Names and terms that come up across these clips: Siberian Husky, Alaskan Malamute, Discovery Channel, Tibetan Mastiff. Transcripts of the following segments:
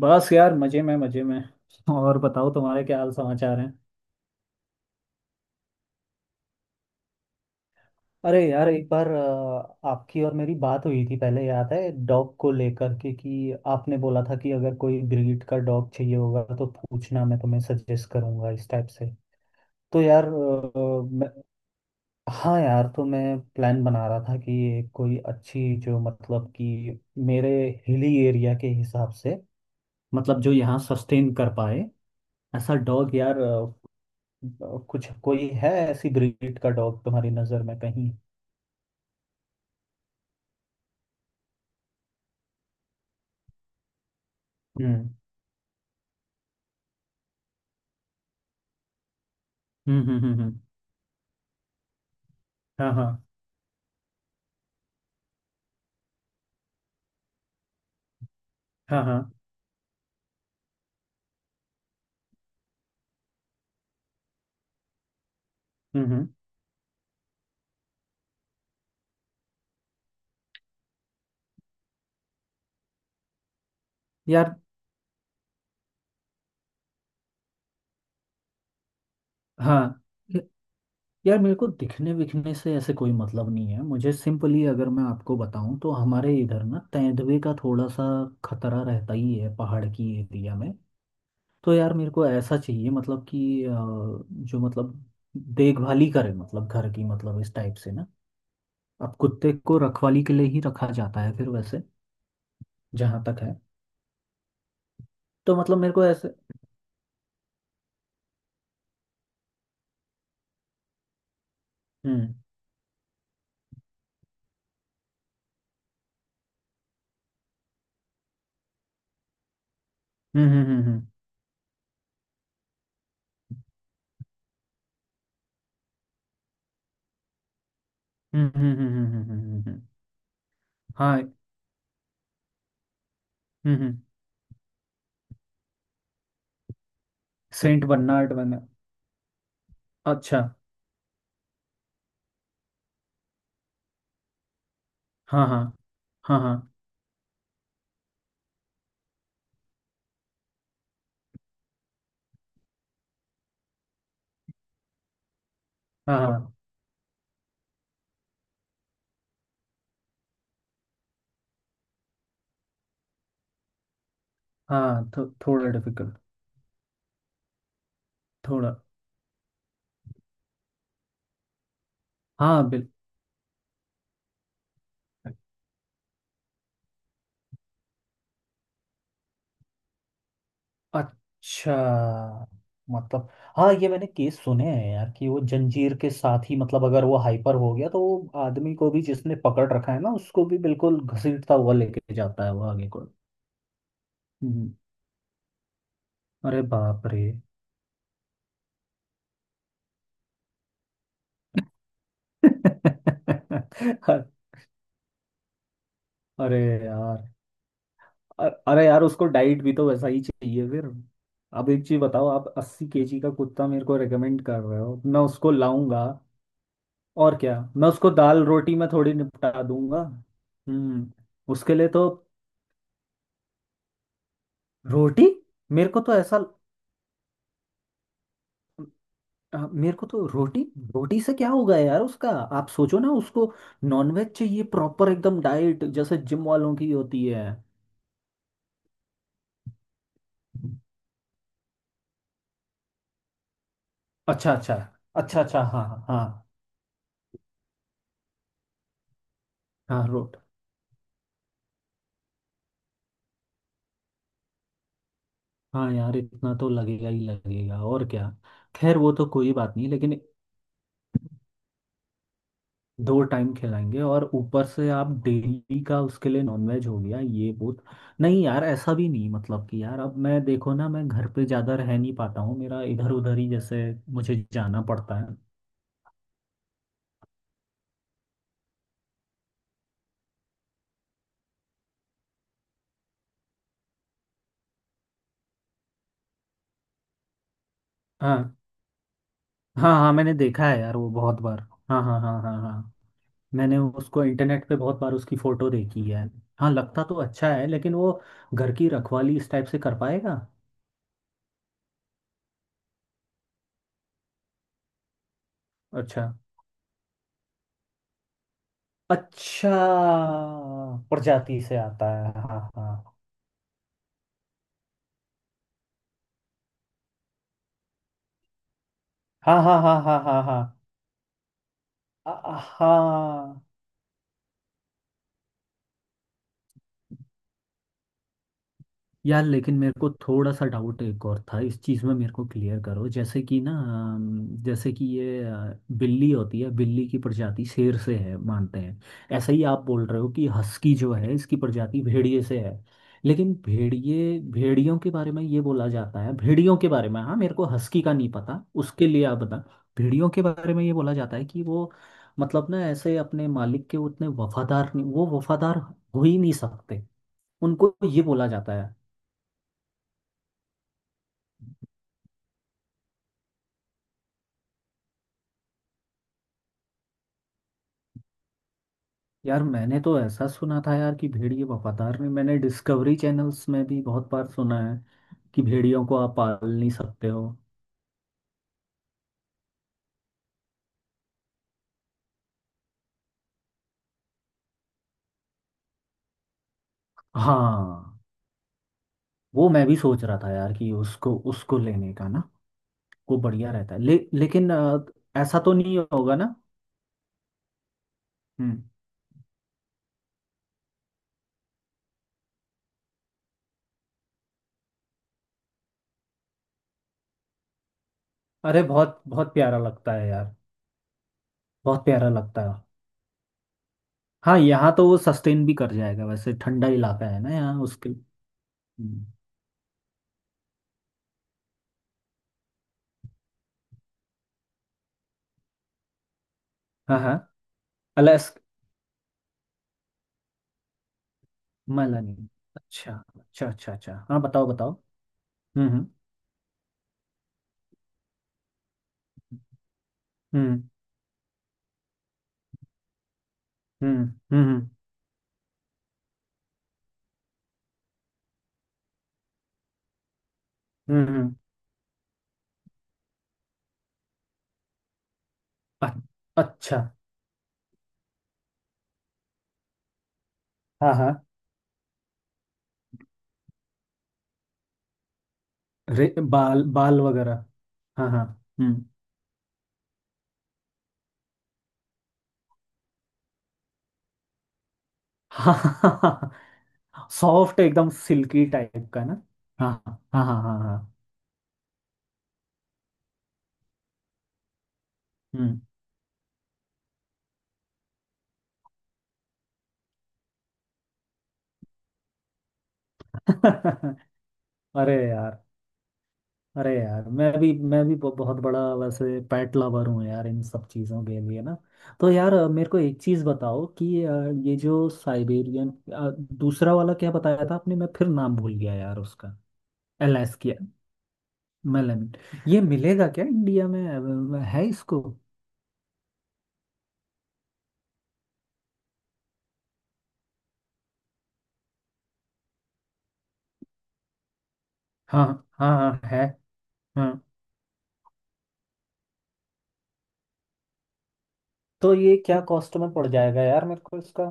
बस यार मजे में मजे में। और बताओ तुम्हारे क्या हाल समाचार हैं। अरे यार एक बार आपकी और मेरी बात हुई थी पहले, याद है? डॉग को लेकर के कि आपने बोला था कि अगर कोई ब्रीड का डॉग चाहिए होगा तो पूछना, मैं तुम्हें सजेस्ट करूंगा इस टाइप से। तो यार मैं, हाँ यार तो मैं प्लान बना रहा था कि एक कोई अच्छी जो मतलब कि मेरे हिली एरिया के हिसाब से, मतलब जो यहाँ सस्टेन कर पाए, ऐसा डॉग यार। कुछ कोई है ऐसी ब्रीड का डॉग तुम्हारी नजर में कहीं? हम्म हम्म हम्म हम्म, हम्म, हाँ हाँ हाँ हाँ। हम्म हम्म, यार हाँ। य- यार मेरे को दिखने विखने से ऐसे कोई मतलब नहीं है। मुझे सिंपली अगर मैं आपको बताऊं तो हमारे इधर ना तेंदुए का थोड़ा सा खतरा रहता ही है पहाड़ की एरिया में। तो यार मेरे को ऐसा चाहिए, मतलब कि जो मतलब देखभाल ही करे, मतलब घर की, मतलब इस टाइप से ना। अब कुत्ते को रखवाली के लिए ही रखा जाता है फिर वैसे, जहाँ तक है। तो मतलब मेरे को ऐसे। हम्म हम्म हम्म हम्म हम्म हम्म हम्म हम्म हम्म, हम्म, हम्म, हम्म, हाँ। हम्म, सेंट बर्नार्ड बना। अच्छा। हाँ हाँ हाँ। हाँ हाँ। हाँ हाँ। थोड़ा डिफिकल्ट, थोड़ा। हाँ बिल। अच्छा। मतलब हाँ, ये मैंने केस सुने हैं यार कि वो जंजीर के साथ ही, मतलब अगर वो हाइपर हो गया तो वो आदमी को भी जिसने पकड़ रखा है ना, उसको भी बिल्कुल घसीटता हुआ लेके जाता है वो आगे को। हम्म, अरे बाप रे। अरे, अरे यार। अरे यार उसको डाइट भी तो वैसा ही चाहिए फिर। अब एक चीज बताओ, आप अस्सी केजी का कुत्ता मेरे को रेकमेंड कर रहे हो, मैं उसको लाऊंगा और क्या मैं उसको दाल रोटी में थोड़ी निपटा दूंगा? हम्म। उसके लिए तो रोटी। मेरे को तो ऐसा, मेरे को तो रोटी, रोटी से क्या होगा यार उसका? आप सोचो ना, उसको नॉनवेज चाहिए प्रॉपर एकदम डाइट जैसे जिम वालों की होती है। अच्छा अच्छा। अच्छा अच्छा हाँ हाँ हाँ हाँ, रोट हाँ यार इतना तो लगेगा ही लगेगा, और क्या। खैर वो तो कोई बात नहीं लेकिन दो टाइम खिलाएंगे और ऊपर से आप डेली का उसके लिए नॉनवेज हो गया, ये बहुत। नहीं यार ऐसा भी नहीं, मतलब कि यार अब मैं देखो ना, मैं घर पे ज़्यादा रह नहीं पाता हूँ, मेरा इधर उधर ही जैसे मुझे जाना पड़ता है। हाँ हाँ। हाँ मैंने देखा है यार वो बहुत बार। हाँ हाँ हाँ हाँ हाँ, मैंने उसको इंटरनेट पे बहुत बार उसकी फ़ोटो देखी है। हाँ लगता तो अच्छा है, लेकिन वो घर की रखवाली इस टाइप से कर पाएगा? अच्छा। अच्छा, प्रजाति से आता है। हाँ हाँ हाँ हाँ हाँ हाँ हाँ हाँ हाँ। हाँ। यार लेकिन मेरे को थोड़ा सा डाउट एक और था इस चीज़ में, मेरे को क्लियर करो। जैसे कि ना जैसे कि ये बिल्ली होती है, बिल्ली की प्रजाति शेर से है मानते हैं। ऐसा ही आप बोल रहे हो कि हस्की जो है इसकी प्रजाति भेड़िए से है। लेकिन भेड़िए, भेड़ियों के बारे में ये बोला जाता है, भेड़ियों के बारे में। हाँ मेरे को हस्की का नहीं पता, उसके लिए आप बता। भेड़ियों के बारे में ये बोला जाता है कि वो मतलब ना ऐसे अपने मालिक के उतने वफादार नहीं, वो वफादार हो ही नहीं सकते। उनको ये बोला जाता है। यार मैंने तो ऐसा सुना था यार कि भेड़िए वफादार नहीं। मैंने डिस्कवरी चैनल्स में भी बहुत बार सुना है कि भेड़ियों को आप पाल नहीं सकते हो। हाँ। वो मैं भी सोच रहा था यार कि उसको, उसको लेने का ना। वो बढ़िया रहता है, लेकिन ऐसा तो नहीं होगा ना? हम्म। अरे बहुत बहुत प्यारा लगता है यार, बहुत प्यारा लगता है। हाँ यहाँ तो वो सस्टेन भी कर जाएगा, वैसे ठंडा इलाका है ना यहाँ उसके। हम्म, हाँ हाँ। अलास्क, माला नहीं। अच्छा। अच्छा अच्छा अच्छा हाँ बताओ बताओ। हम्म हम्म हम्म हम्म हम्म हम्म हम्म, अ- अच्छा। हाँ हाँ। रे, बाल बाल वगैरह। हाँ हाँ। हम्म। हाँ। सॉफ्ट एकदम सिल्की टाइप का ना। हाँ हाँ हाँ हाँ हाँ। हम्म। अरे यार, अरे यार मैं भी बहुत बड़ा वैसे पेट लवर हूँ यार इन सब चीज़ों के लिए ना। तो यार मेरे को एक चीज़ बताओ कि ये जो साइबेरियन दूसरा वाला क्या बताया था आपने? मैं फिर नाम भूल गया यार उसका। अलास्की मेलामिन, ये मिलेगा क्या इंडिया में? है इसको? हाँ हाँ हाँ, है। हाँ तो ये क्या कॉस्ट में पड़ जाएगा यार मेरे को इसका?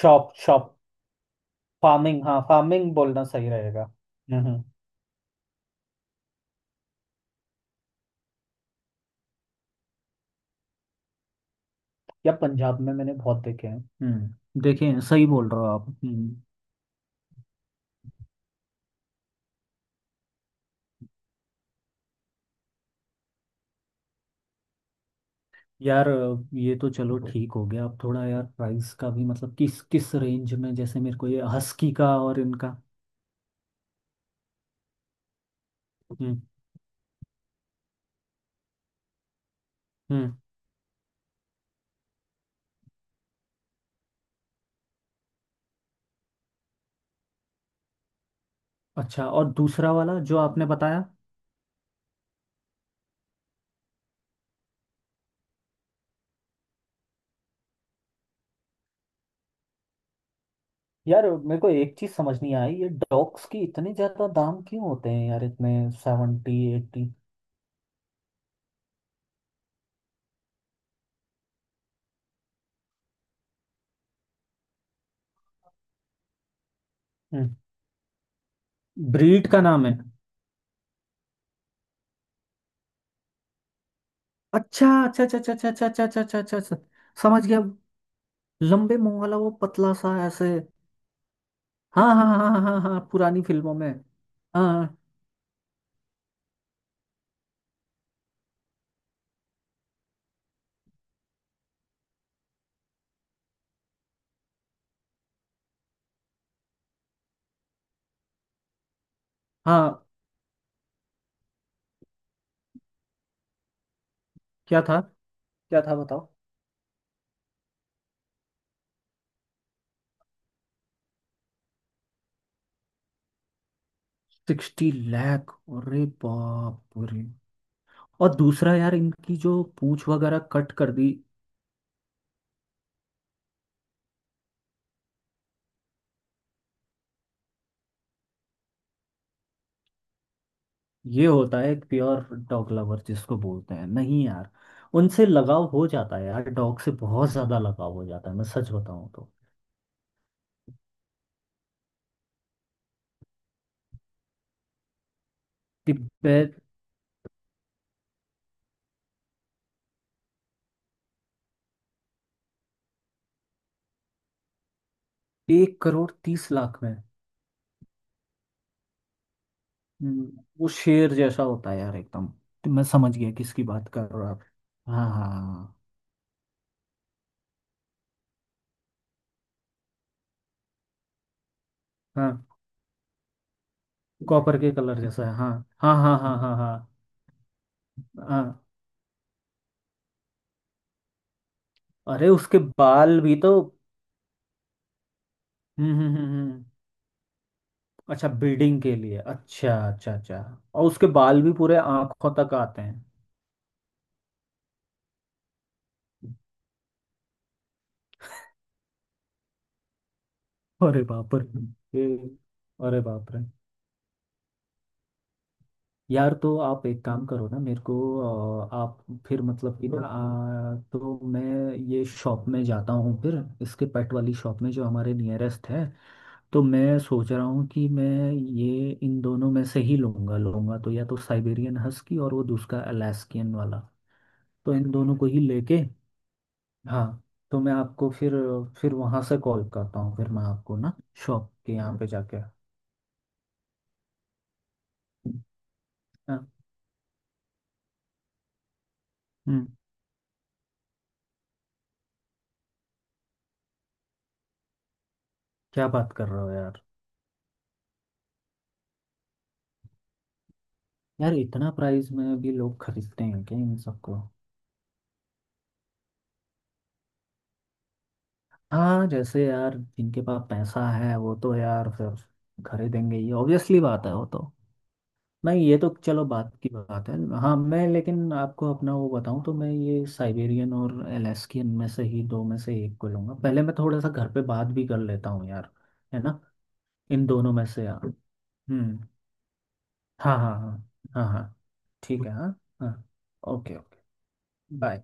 Shop shop. फार्मिंग हाँ, फार्मिंग बोलना सही रहेगा। या पंजाब में मैंने बहुत देखे हैं। देखें, सही बोल रहे हो आप, हम्म। यार ये तो चलो ठीक हो गया, अब थोड़ा यार प्राइस का भी, मतलब किस किस रेंज में जैसे मेरे को, ये हस्की का और इनका। हम्म हम्म। अच्छा और दूसरा वाला जो आपने बताया? यार मेरे को एक चीज समझ नहीं आई, ये डॉग्स की इतने ज्यादा दाम क्यों होते हैं यार, इतने सेवेंटी एट्टी। हम्म। ब्रीड का नाम है? अच्छा अच्छा अच्छा अच्छा अच्छा अच्छा अच्छा अच्छा अच्छा अच्छा, समझ गया। लंबे मुंह वाला वो पतला सा ऐसे। हाँ हाँ हाँ हाँ हाँ हाँ, पुरानी फिल्मों में। हाँ हाँ। क्या था? क्या था बताओ? सिक्सटी लाख? अरे बाप रे। और दूसरा यार, इनकी जो पूंछ वगैरह कट कर दी। ये होता है एक प्योर डॉग लवर, जिसको बोलते हैं, नहीं यार? उनसे लगाव हो जाता है यार, डॉग से बहुत ज्यादा लगाव हो जाता है, मैं सच बताऊं तो। तिब्बत। एक करोड़ तीस लाख में? वो शेर जैसा होता है यार एकदम। तो मैं समझ गया किसकी बात कर रहे हो आप। हाँ हाँ हाँ हाँ, कॉपर के कलर जैसा है। हाँ हाँ हाँ हाँ हाँ हाँ हाँ। अरे उसके बाल भी तो। हम्म हम्म हम्म हम्म। अच्छा, ब्रीडिंग के लिए? अच्छा अच्छा अच्छा। और उसके बाल भी पूरे आंखों तक आते हैं। अरे बाप रे। ये- अरे बाप रे। यार तो आप एक काम करो ना मेरे को, आप फिर मतलब कि ना तो मैं ये शॉप में जाता हूँ फिर, इसके पेट वाली शॉप में जो हमारे नियरेस्ट है। तो मैं सोच रहा हूँ कि मैं ये इन दोनों में से ही लूँगा। लूँगा तो या तो साइबेरियन हस्की और वो दूसरा अलास्कियन वाला। तो इन दोनों को ही लेके। हाँ। तो मैं आपको फिर वहाँ से कॉल करता हूँ फिर मैं आपको ना, शॉप के यहाँ पे जाके। हाँ। हम्म। क्या बात कर रहे हो यार? यार इतना प्राइस में भी लोग खरीदते हैं क्या इन सबको? हाँ जैसे यार जिनके पास पैसा है वो तो यार फिर खरीदेंगे ही, ऑब्वियसली बात है वो तो। नहीं ये तो चलो बात की बात है। हाँ मैं लेकिन आपको अपना वो बताऊं तो मैं ये साइबेरियन और अलास्कियन में से ही, दो में से एक को लूंगा। पहले मैं थोड़ा सा घर पे बात भी कर लेता हूँ यार, है ना? इन दोनों में से यार। हम्म। हाँ हाँ हाँ हाँ हाँ। ठीक है हाँ। हाँ। Okay okay. बाय।